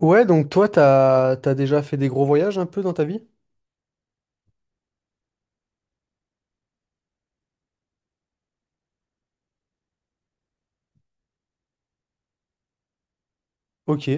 Ouais, donc toi, t'as déjà fait des gros voyages un peu dans ta vie? Ok.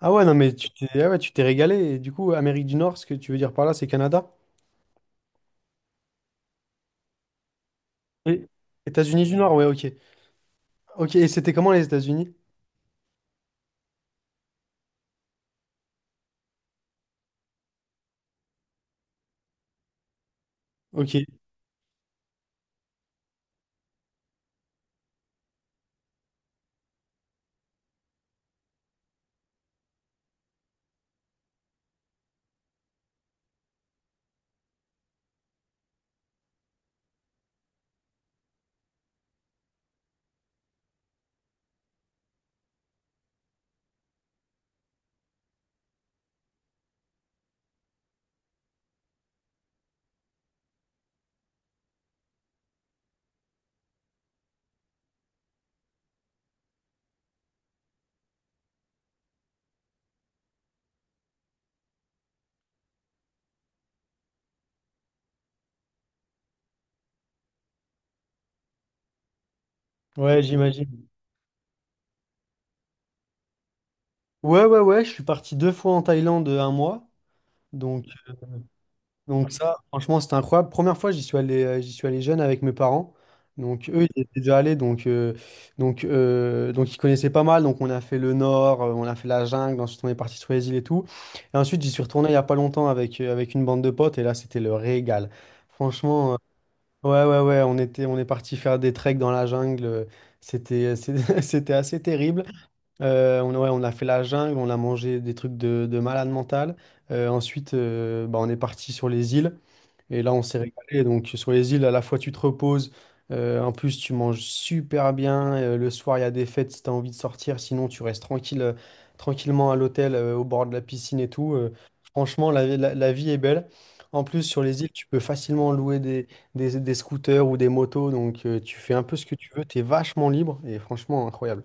Ah ouais, non, mais ah ouais, tu t'es régalé. Et du coup, Amérique du Nord, ce que tu veux dire par là, c'est Canada? Oui. États-Unis du Nord, ouais, ok. Ok, et c'était comment les États-Unis? Ok. Ouais, j'imagine. Ouais, ouais, ouais, je suis parti deux fois en Thaïlande un mois. Donc, Donc ça, franchement, c'était incroyable. Première fois, j'y suis allé jeune avec mes parents. Donc eux, ils étaient déjà allés, donc ils connaissaient pas mal. Donc on a fait le nord, on a fait la jungle, ensuite on est parti sur les îles et tout. Et ensuite, j'y suis retourné il y a pas longtemps avec une bande de potes et là, c'était le régal. Franchement, ouais ouais ouais, on est parti faire des treks dans la jungle. C'était assez terrible. Ouais, on a fait la jungle, on a mangé des trucs de malade mental. Ensuite, bah, on est parti sur les îles. Et là, on s'est régalé. Donc, sur les îles, à la fois, tu te reposes. En plus, tu manges super bien. Le soir, il y a des fêtes si tu as envie de sortir. Sinon, tu restes tranquille, tranquillement à l'hôtel, au bord de la piscine et tout. Franchement, la vie est belle. En plus, sur les îles, tu peux facilement louer des scooters ou des motos. Donc, tu fais un peu ce que tu veux. Tu es vachement libre. Et franchement, incroyable.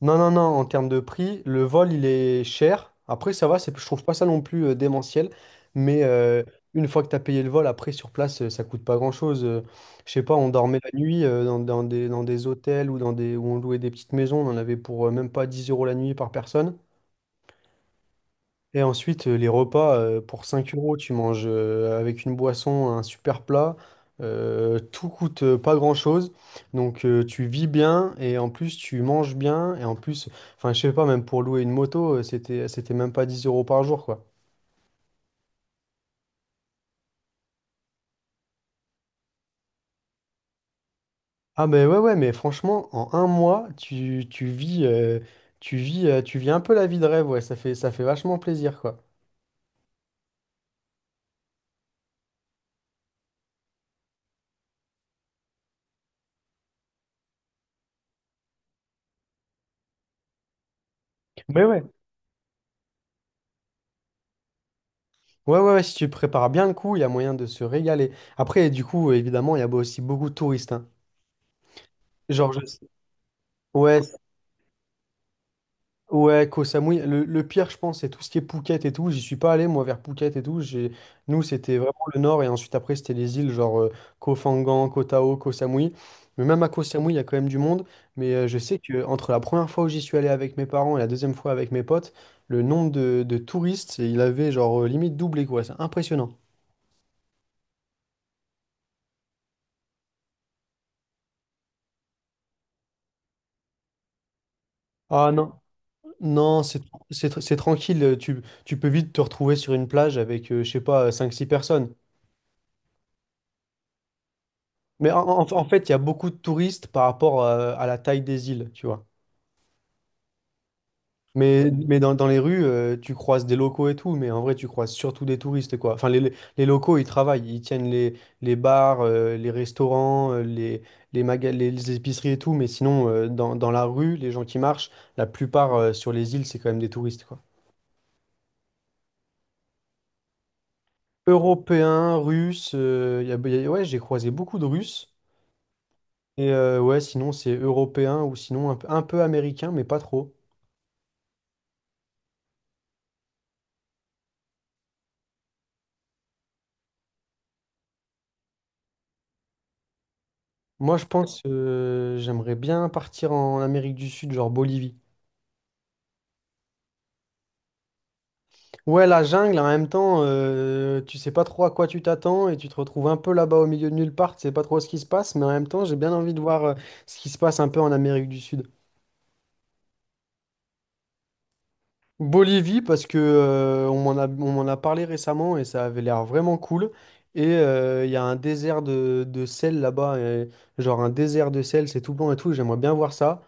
Non, non, non, en termes de prix, le vol, il est cher. Après, ça va, c'est, je trouve pas ça non plus démentiel. Mais une fois que tu as payé le vol, après, sur place, ça coûte pas grand-chose. Je sais pas, on dormait la nuit dans des hôtels ou où on louait des petites maisons. On en avait pour même pas 10 euros la nuit par personne. Et ensuite, les repas, pour 5 euros, tu manges avec une boisson, un super plat. Tout coûte pas grand-chose. Donc, tu vis bien et en plus, tu manges bien. Et en plus, enfin, je sais pas, même pour louer une moto, c'était même pas 10 euros par jour, quoi. Ah, ben ouais, ouais, mais franchement, en un mois, tu vis, tu vis un peu la vie de rêve, ouais. Ça fait vachement plaisir, quoi. Mais ouais. Ouais, ouais, ouais, si tu prépares bien le coup, il y a moyen de se régaler. Après, du coup, évidemment, il y a aussi beaucoup de touristes, hein. Genre, je. Ouais, ouais, Koh Samui. Le pire, je pense, c'est tout ce qui est Phuket et tout. J'y suis pas allé, moi, vers Phuket et tout. J'ai. Nous, c'était vraiment le nord, et ensuite, après, c'était les îles, genre Koh Phangan, Koh Tao, Koh Samui. Mais même à Koh Samui, il y a quand même du monde. Mais je sais que entre la première fois où j'y suis allé avec mes parents et la deuxième fois avec mes potes, le nombre de touristes, il avait genre limite doublé, quoi. C'est impressionnant. Ah non, non, c'est tranquille. Tu peux vite te retrouver sur une plage avec, je sais pas, cinq six personnes. Mais en fait, il y a beaucoup de touristes par rapport à la taille des îles, tu vois. Mais dans les rues, tu croises des locaux et tout, mais en vrai, tu croises surtout des touristes, quoi. Enfin, les locaux, ils travaillent, ils tiennent les bars, les restaurants, les épiceries et tout, mais sinon, dans la rue, les gens qui marchent, la plupart sur les îles, c'est quand même des touristes, quoi. Européens, Russes, ouais, j'ai croisé beaucoup de Russes. Et ouais, sinon, c'est européen ou sinon un peu américain, mais pas trop. Moi, je pense j'aimerais bien partir en Amérique du Sud, genre Bolivie. Ouais, la jungle, en même temps, tu sais pas trop à quoi tu t'attends et tu te retrouves un peu là-bas au milieu de nulle part, tu sais pas trop ce qui se passe, mais en même temps, j'ai bien envie de voir ce qui se passe un peu en Amérique du Sud. Bolivie, parce que on m'en a parlé récemment et ça avait l'air vraiment cool. Et il y a un désert de sel là-bas, et genre un désert de sel, c'est tout blanc et tout, j'aimerais bien voir ça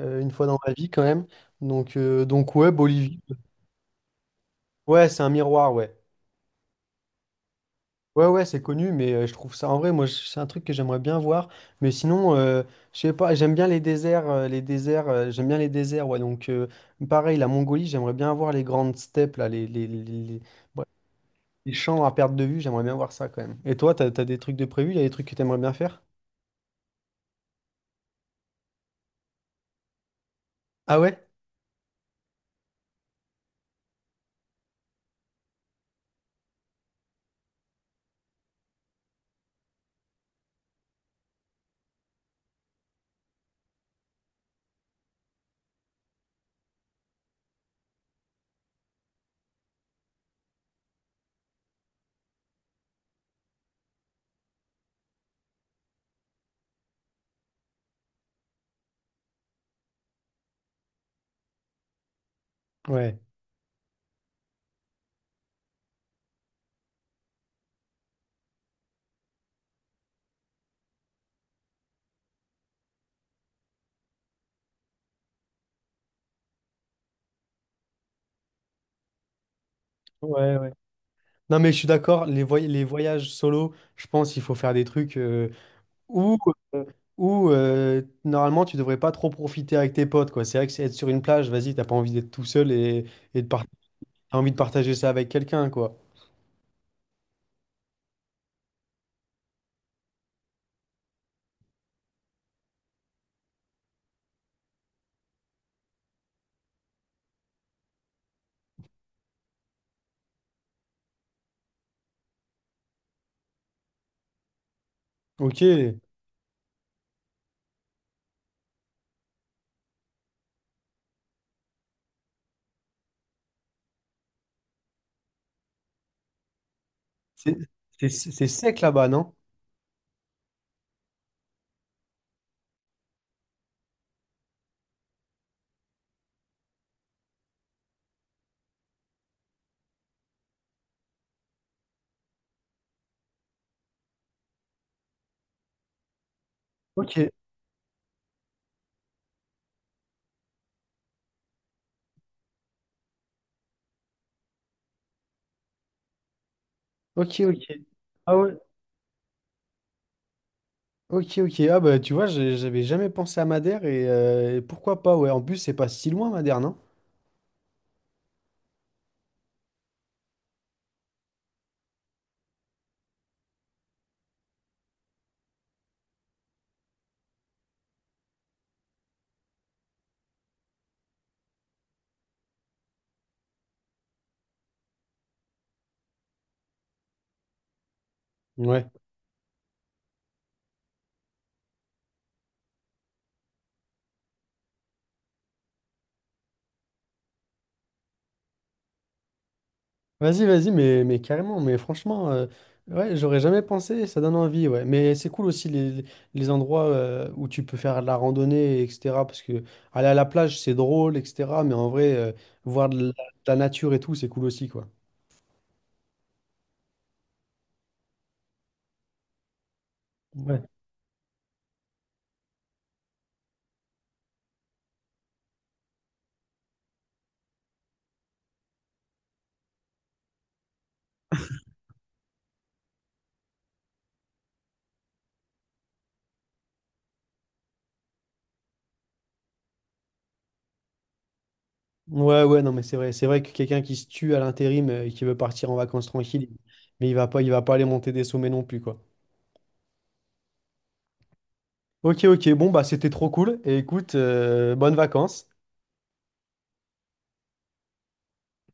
une fois dans ma vie quand même. Donc ouais, Bolivie. Ouais, c'est un miroir, ouais. Ouais, ouais, c'est connu, mais je trouve ça. En vrai, moi, c'est un truc que j'aimerais bien voir. Mais sinon, je sais pas, j'aime bien les déserts. Les déserts, j'aime bien les déserts, ouais. Donc, pareil, la Mongolie, j'aimerais bien voir les grandes steppes, là, ouais, les champs à perte de vue, j'aimerais bien voir ça quand même. Et toi, t'as des trucs de prévu? Il y a des trucs que t'aimerais bien faire? Ah ouais? Ouais. Ouais, ouais. Non, mais je suis d'accord, les voyages solo, je pense qu'il faut faire des trucs. Ou, euh, ou, normalement, tu devrais pas trop profiter avec tes potes, quoi. C'est vrai que c'est être sur une plage, vas-y, t'as pas envie d'être tout seul et t'as envie de partager ça avec quelqu'un, quoi. Ok, c'est c'est sec là-bas, non? Ok, ok, ok. Ah ouais, ok, ok. Ah bah, tu vois, j'avais jamais pensé à Madère et pourquoi pas, ouais. En plus, c'est pas si loin, Madère, non? Ouais. Vas-y, vas-y, mais carrément, mais franchement, ouais, j'aurais jamais pensé, ça donne envie, ouais. Mais c'est cool aussi les endroits où tu peux faire de la randonnée, etc. Parce que aller à la plage, c'est drôle, etc. Mais en vrai, voir de la nature et tout, c'est cool aussi, quoi. Ouais. Ouais, ouais, non, mais c'est vrai. C'est vrai que quelqu'un qui se tue à l'intérim et qui veut partir en vacances tranquille, mais il va pas aller monter des sommets non plus, quoi. Ok, ok, bon, bah c'était trop cool. Et écoute, bonnes vacances.